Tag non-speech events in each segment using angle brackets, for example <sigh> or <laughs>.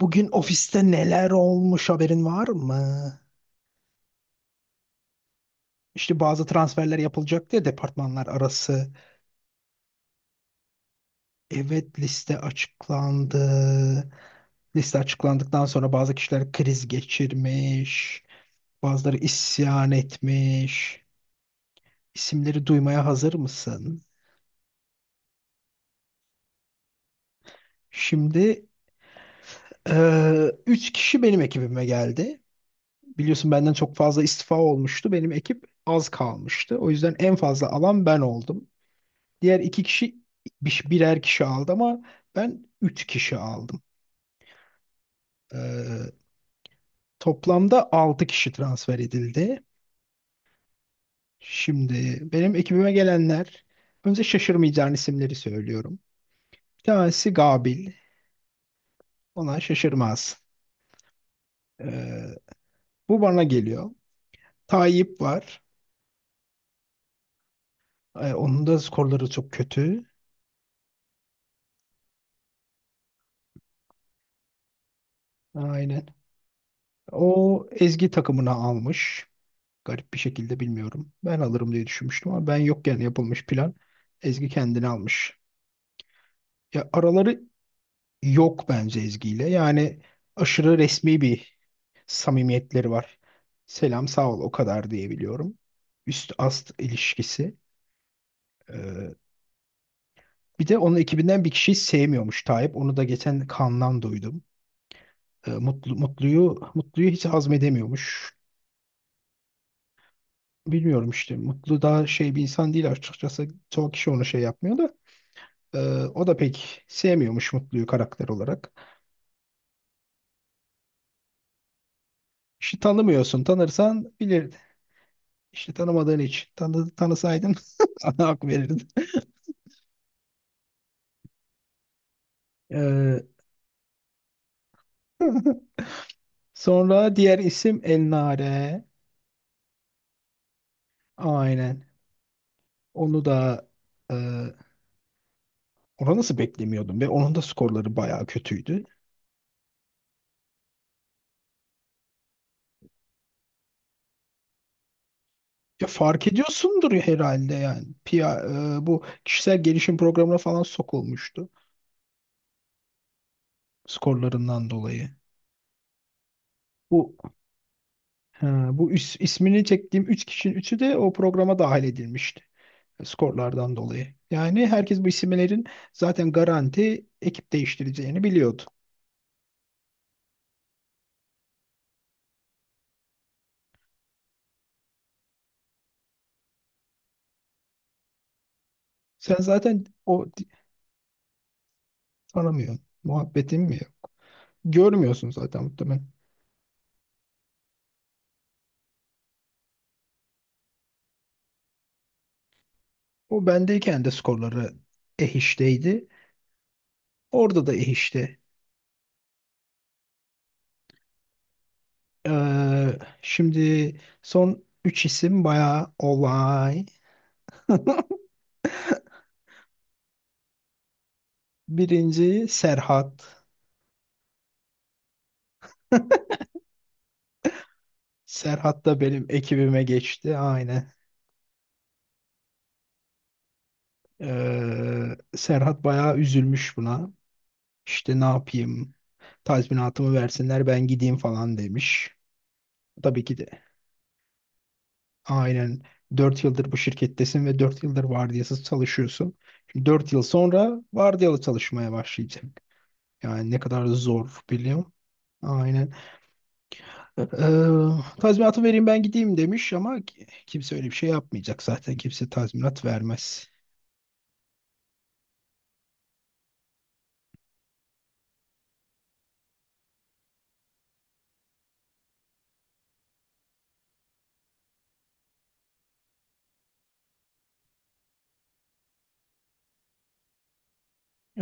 Bugün ofiste neler olmuş haberin var mı? İşte bazı transferler yapılacak diye departmanlar arası. Evet, liste açıklandı. Liste açıklandıktan sonra bazı kişiler kriz geçirmiş. Bazıları isyan etmiş. İsimleri duymaya hazır mısın? Şimdi, üç kişi benim ekibime geldi. Biliyorsun benden çok fazla istifa olmuştu. Benim ekip az kalmıştı. O yüzden en fazla alan ben oldum. Diğer iki kişi birer kişi aldı ama ben üç kişi aldım. Ee, Toplamda altı kişi transfer edildi. Şimdi benim ekibime gelenler önce şaşırmayacağın isimleri söylüyorum. Bir tanesi Gabil. Ona şaşırmaz. Ee, Bu bana geliyor. Tayyip var. Onun da skorları çok kötü. Aynen. O Ezgi takımına almış. Garip bir şekilde bilmiyorum. Ben alırım diye düşünmüştüm ama ben yokken yapılmış plan. Ezgi kendini almış. Ya araları yok bence Ezgi'yle. Yani aşırı resmi bir samimiyetleri var. Selam sağ ol o kadar diyebiliyorum. Üst ast ilişkisi. Ee, Bir de onun ekibinden bir kişiyi sevmiyormuş Tayyip. Onu da geçen Kaan'dan duydum. Mutlu'yu hiç hazmedemiyormuş. Bilmiyorum işte. Mutlu daha şey bir insan değil açıkçası. Çoğu kişi onu şey yapmıyor da. Ee, O da pek sevmiyormuş Mutlu'yu karakter olarak. İşte tanımıyorsun. Tanırsan bilir. İşte tanımadığın için. Tanısaydın <laughs> sana hak verirdin. Ee, Sonra diğer isim El Nare. Aynen. Onu da e, ona nasıl beklemiyordum ve onun da skorları bayağı kötüydü. Ya fark ediyorsundur ya herhalde yani. Pia, bu kişisel gelişim programına falan sokulmuştu skorlarından dolayı. Bu ha, bu is- ismini çektiğim 3 kişinin üçü de o programa dahil edilmişti. Skorlardan dolayı. Yani herkes bu isimlerin zaten garanti ekip değiştireceğini biliyordu. Sen zaten o tanımıyorsun. Muhabbetin mi? Yok? Görmüyorsun zaten muhtemelen. O bendeyken de skorları ehişteydi. Orada da ehişti. Şimdi son 3 isim bayağı olay. Birinci Serhat. Serhat da benim ekibime geçti. Aynen. Serhat bayağı üzülmüş buna. İşte ne yapayım? Tazminatımı versinler ben gideyim falan demiş. Tabii ki de aynen 4 yıldır bu şirkettesin ve 4 yıldır vardiyasız çalışıyorsun. Şimdi 4 yıl sonra vardiyalı çalışmaya başlayacak. Yani ne kadar zor biliyorum. Aynen. Ee, Tazminatı vereyim ben gideyim demiş ama kimse öyle bir şey yapmayacak zaten. Kimse tazminat vermez.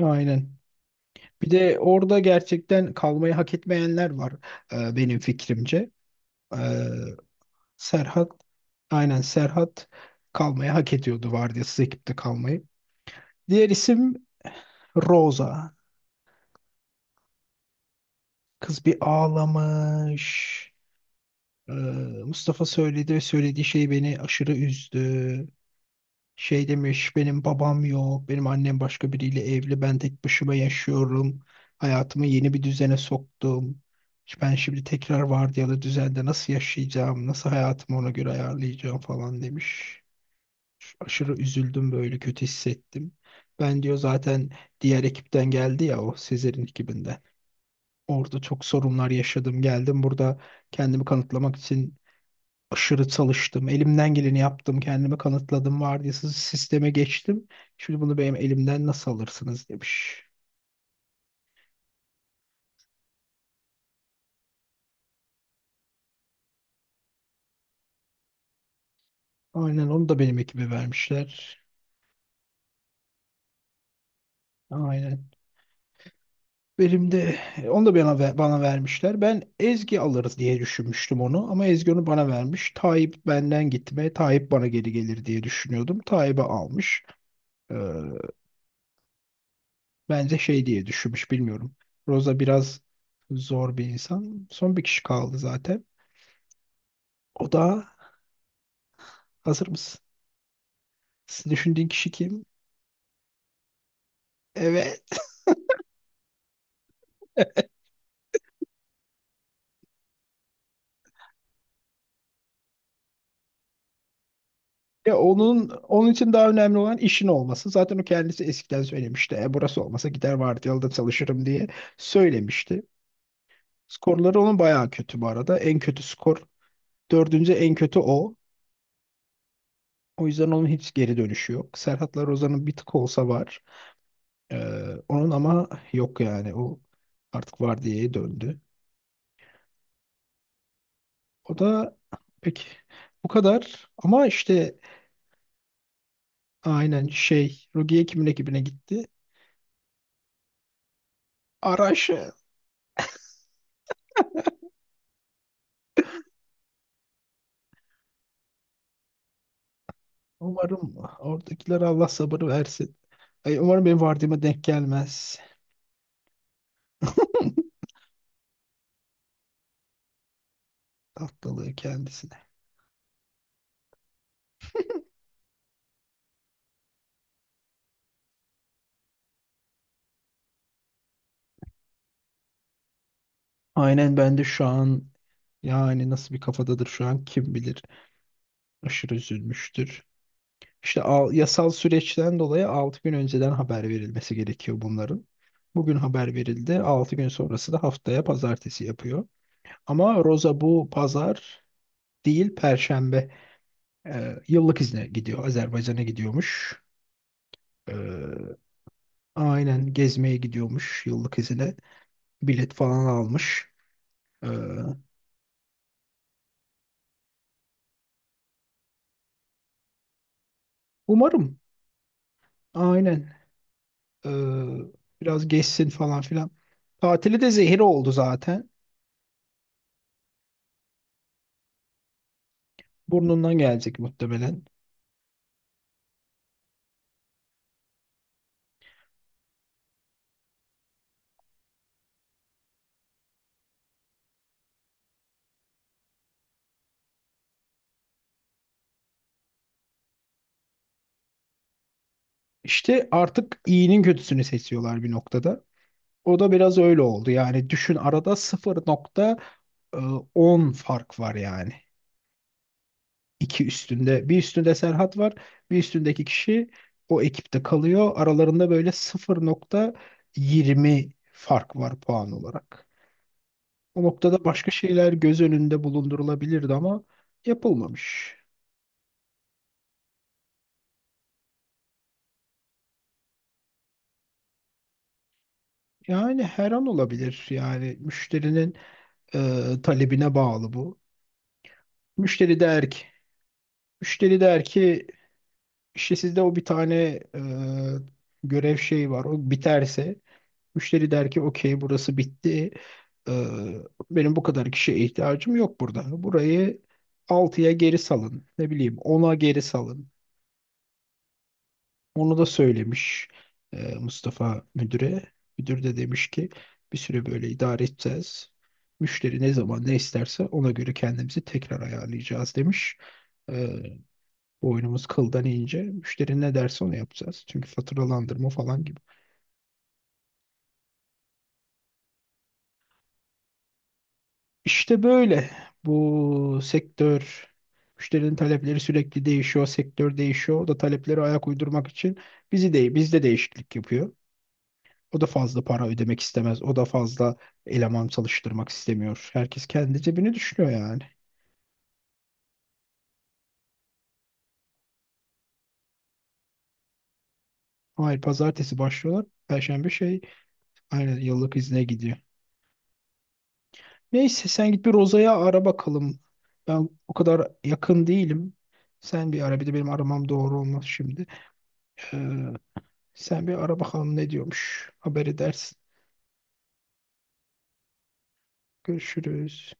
Aynen. Bir de orada gerçekten kalmayı hak etmeyenler var, benim fikrimce. Ee, Serhat aynen Serhat kalmayı hak ediyordu, vardiyasız ekipte kalmayı. Diğer isim Rosa. Kız bir ağlamış. Ee, Mustafa söyledi ve söylediği şey beni aşırı üzdü. Şey demiş, benim babam yok, benim annem başka biriyle evli, ben tek başıma yaşıyorum. Hayatımı yeni bir düzene soktum. Ben şimdi tekrar vardiyalı düzende nasıl yaşayacağım, nasıl hayatımı ona göre ayarlayacağım falan demiş. Aşırı üzüldüm, böyle kötü hissettim. Ben diyor zaten diğer ekipten geldi ya, o Sezer'in ekibinden. Orada çok sorunlar yaşadım. Geldim burada kendimi kanıtlamak için aşırı çalıştım. Elimden geleni yaptım. Kendimi kanıtladım. Vardiyasız sisteme geçtim. Şimdi bunu benim elimden nasıl alırsınız demiş. Aynen, onu da benim ekibe vermişler. Aynen. Benim de onu da bana vermişler. Ben Ezgi alırız diye düşünmüştüm onu ama Ezgi onu bana vermiş. Tayyip benden gitme, Tayyip bana geri gelir diye düşünüyordum. Tayyip'i almış. Ee, Bence şey diye düşünmüş bilmiyorum. Roza biraz zor bir insan. Son bir kişi kaldı zaten. O da hazır mısın? Düşündüğün kişi kim? Evet. Ya onun için daha önemli olan işin olması. Zaten o kendisi eskiden söylemişti. Burası olmasa gider vardiyalı da çalışırım diye söylemişti. Skorları onun bayağı kötü bu arada. En kötü skor. Dördüncü en kötü o. O yüzden onun hiç geri dönüşü yok. Serhatlar Ozan'ın bir tık olsa var. Ee, Onun ama yok yani. O artık var diye döndü. O da, peki, bu kadar. Ama işte aynen şey Rogier kimin ekibine gitti? Araş. Umarım oradakiler, Allah sabır versin. Ay, umarım benim vardığıma denk gelmez. <laughs> Tatlılığı kendisi. Aynen, ben de şu an yani nasıl bir kafadadır şu an kim bilir. Aşırı üzülmüştür. İşte yasal süreçten dolayı 6 gün önceden haber verilmesi gerekiyor bunların. Bugün haber verildi. 6 gün sonrası da haftaya pazartesi yapıyor. Ama Roza bu pazar değil, Perşembe, yıllık izne gidiyor. Azerbaycan'a gidiyormuş. E, aynen, gezmeye gidiyormuş yıllık izine. Bilet falan almış. E, Umarım. Aynen. Ee, Biraz geçsin falan filan. Tatili de zehir oldu zaten. Burnundan gelecek muhtemelen. İşte artık iyinin kötüsünü seçiyorlar bir noktada. O da biraz öyle oldu. Yani düşün arada 0,10 fark var yani. İki üstünde bir üstünde Serhat var, bir üstündeki kişi o ekipte kalıyor, aralarında böyle 0,20 fark var puan olarak. O noktada başka şeyler göz önünde bulundurulabilirdi ama yapılmamış. Yani her an olabilir yani müşterinin talebine bağlı bu. Müşteri der ki müşteri der ki işte sizde o bir tane, e, görev şeyi var, o biterse müşteri der ki okey, burası bitti. Ee, Benim bu kadar kişiye ihtiyacım yok burada. Burayı altıya geri salın. Ne bileyim, ona geri salın. Onu da söylemiş Mustafa müdüre. Müdür de demiş ki bir süre böyle idare edeceğiz. Müşteri ne zaman ne isterse ona göre kendimizi tekrar ayarlayacağız demiş. Ee, Boynumuz kıldan ince. Müşteri ne derse onu yapacağız. Çünkü faturalandırma falan gibi. İşte böyle, bu sektör, müşterinin talepleri sürekli değişiyor, sektör değişiyor. O da talepleri ayak uydurmak için bizi değil, bizde değişiklik yapıyor. O da fazla para ödemek istemez. O da fazla eleman çalıştırmak istemiyor. Herkes kendi cebini düşünüyor yani. Hayır, pazartesi başlıyorlar. Perşembe şey aynen yıllık izne gidiyor. Neyse sen git bir Roza'ya ara bakalım. Ben o kadar yakın değilim. Sen bir ara, bir de benim aramam doğru olmaz şimdi. Ee, Sen bir ara bakalım ne diyormuş. Haber edersin. Görüşürüz.